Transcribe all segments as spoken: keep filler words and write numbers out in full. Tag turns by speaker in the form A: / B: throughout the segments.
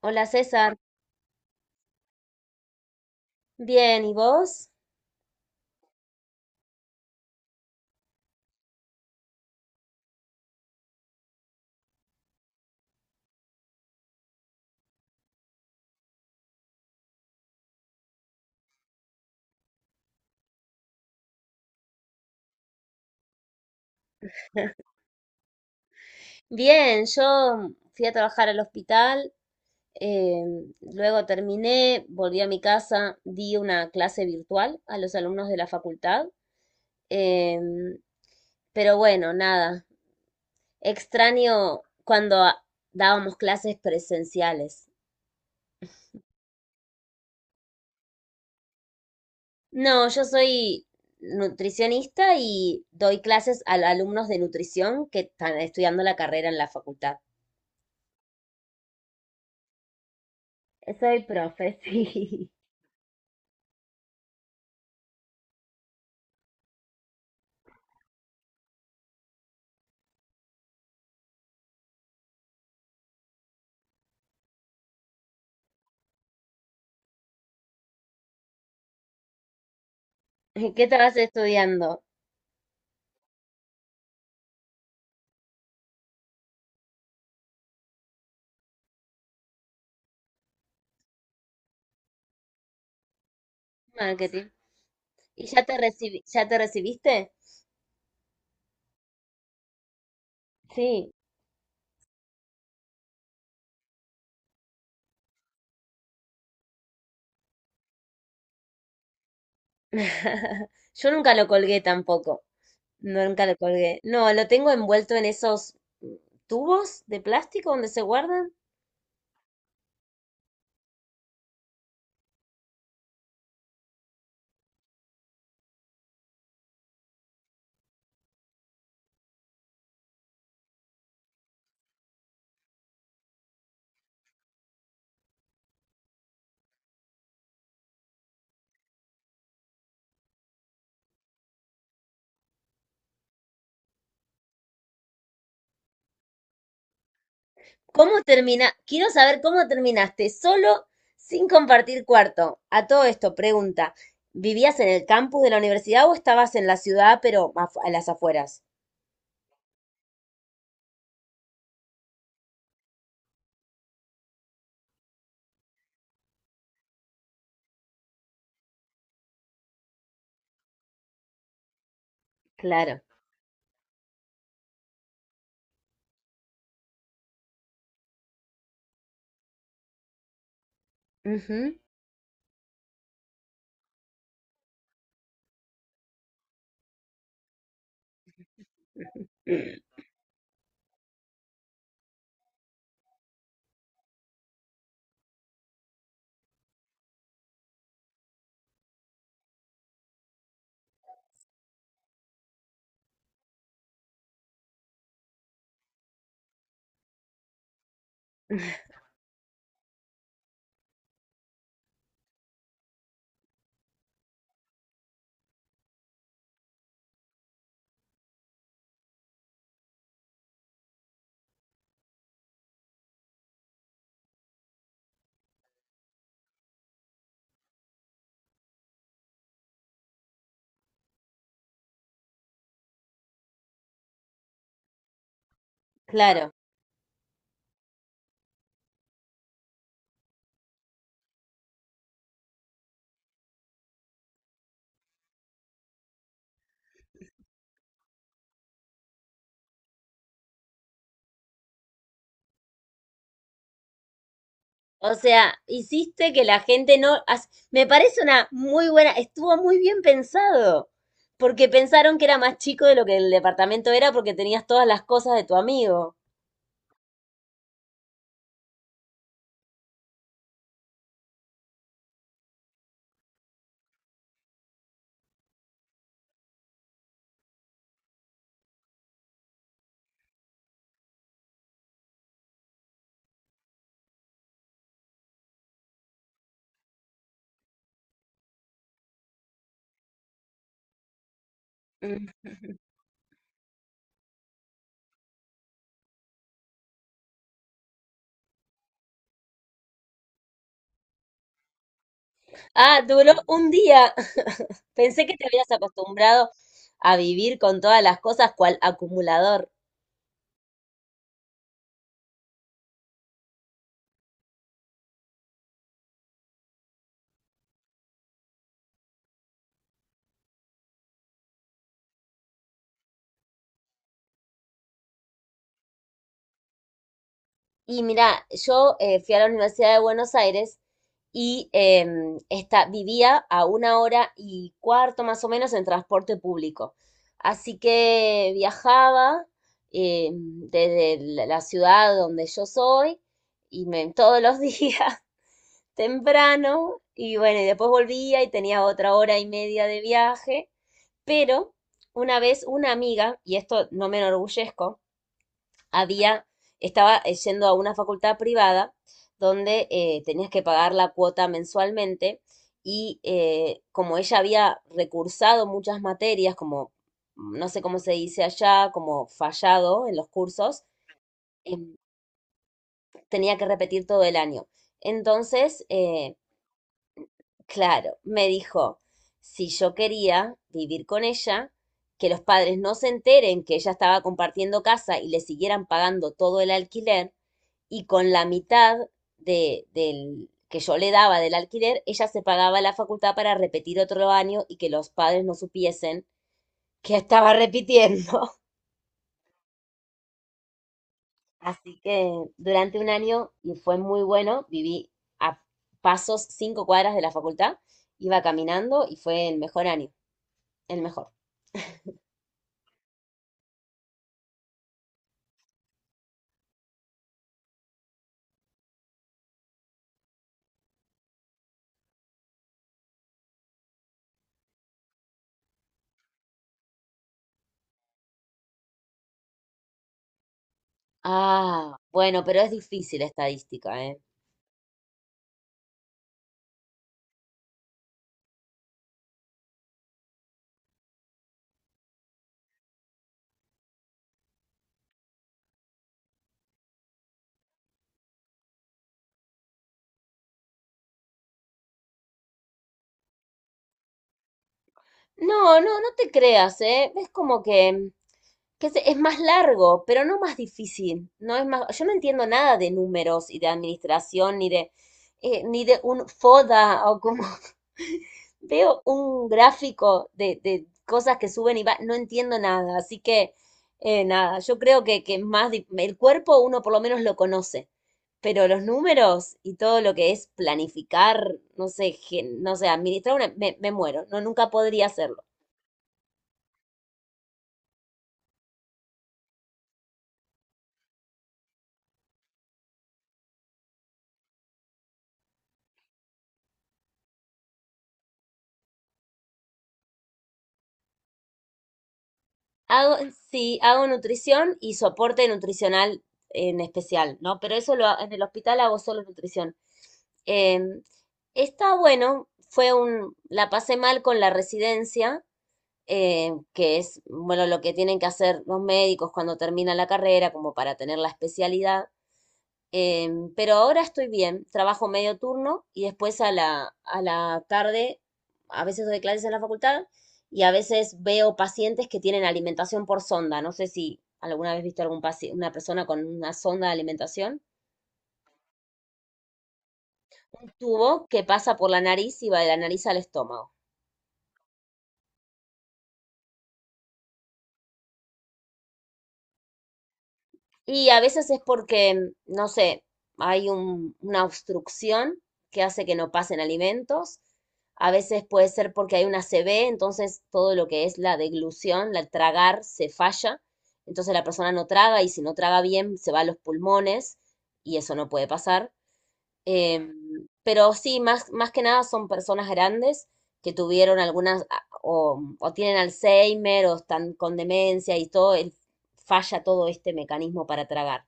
A: Hola César, bien, ¿y vos? Bien, yo fui a trabajar al hospital, eh, luego terminé, volví a mi casa, di una clase virtual a los alumnos de la facultad, em, pero bueno, nada, extraño cuando a- dábamos clases presenciales. No, yo soy nutricionista y doy clases a alumnos de nutrición que están estudiando la carrera en la facultad. Soy profe, sí. ¿Qué estabas estudiando? Marketing. ¿Y ya te recibi- ya te recibiste? Sí. Yo nunca lo colgué tampoco. No, nunca lo colgué. No, lo tengo envuelto en esos tubos de plástico donde se guardan. ¿Cómo termina? Quiero saber cómo terminaste solo sin compartir cuarto. A todo esto, pregunta, ¿vivías en el campus de la universidad o estabas en la ciudad, pero afu- a las afueras? Claro. Ujú. Claro. O sea, hiciste que la gente no... as- Me parece una muy buena, estuvo muy bien pensado, porque pensaron que era más chico de lo que el departamento era porque tenías todas las cosas de tu amigo. Mm. Ah, duró un día. Pensé que te habías acostumbrado a vivir con todas las cosas cual acumulador. Y mira, yo eh, fui a la Universidad de Buenos Aires y eh, esta, vivía a una hora y cuarto más o menos en transporte público. Así que viajaba eh, desde la la ciudad donde yo soy y me, todos los días temprano y bueno, y después volvía y tenía otra hora y media de viaje, pero una vez una amiga, y esto no me enorgullezco, había, estaba eh, yendo a una facultad privada donde eh, tenías que pagar la cuota mensualmente y eh, como ella había recursado muchas materias, como no sé cómo se dice allá, como fallado en los cursos, em, tenía que repetir todo el año. Entonces, eh, claro, me dijo, si yo quería vivir con ella, que los padres no se enteren que ella estaba compartiendo casa y le siguieran pagando todo el alquiler, y con la mitad de, del que yo le daba del alquiler, ella se pagaba la facultad para repetir otro año y que los padres no supiesen que estaba repitiendo. Así que durante un año, y fue muy bueno, viví a pasos cinco cuadras de la facultad, iba caminando y fue el mejor año, el mejor. Ah, bueno, pero es difícil estadística, ¿eh? No, no, no te creas, ¿eh? Es como que, que se- es más largo, pero no más difícil. No es más, yo no entiendo nada de números y de administración, ni de, eh, ni de un FODA o como veo un gráfico de, de cosas que suben y va, no entiendo nada, así que eh, nada, yo creo que, que más di- el cuerpo uno por lo menos lo conoce, pero los números y todo lo que es planificar, no sé, gen- no sé, administrar una, me, me muero, no, nunca podría hacerlo. Hago, sí, hago nutrición y soporte nutricional en especial, ¿no? Pero eso lo, ha- en el hospital hago solo nutrición. Em, Está bueno, fue un, la pasé mal con la residencia, eh, que es, bueno, lo que tienen que hacer los médicos cuando terminan la carrera, como para tener la especialidad. Em, pero ahora estoy bien, trabajo medio turno y después a la, a la tarde, a veces doy clases en la facultad y a veces veo pacientes que tienen alimentación por sonda. No sé si alguna vez viste algún paci- una persona con una sonda de alimentación, un tubo que pasa por la nariz y va de la nariz al estómago. Y a veces es porque, mm, no sé, hay un- una obstrucción que hace que no pasen alimentos. A veces puede ser porque hay una C B, entonces todo lo que es la deglución, la tragar, se falla. Entonces la persona no traga y si no traga bien se va a los pulmones y eso no puede pasar. Em, pero sí, más, más que nada son personas grandes que tuvieron algunas a- o, o tienen Alzheimer o están con demencia y todo, el- falla todo este mecanismo para tragar.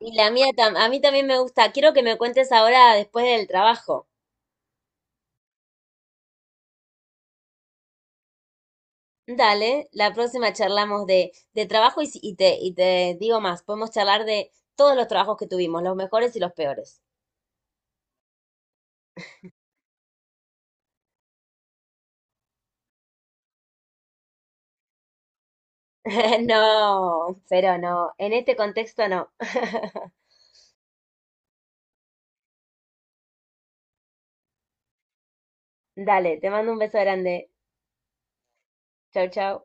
A: Y la mía, tam- a mí también me gusta. Quiero que me cuentes ahora después del trabajo. Dale, la próxima charlamos de, de trabajo y, si- y te, y te digo más, podemos charlar de todos los trabajos que tuvimos, los mejores y los peores. No, pero no, en este contexto no. Dale, te mando un beso grande. Chau, chau.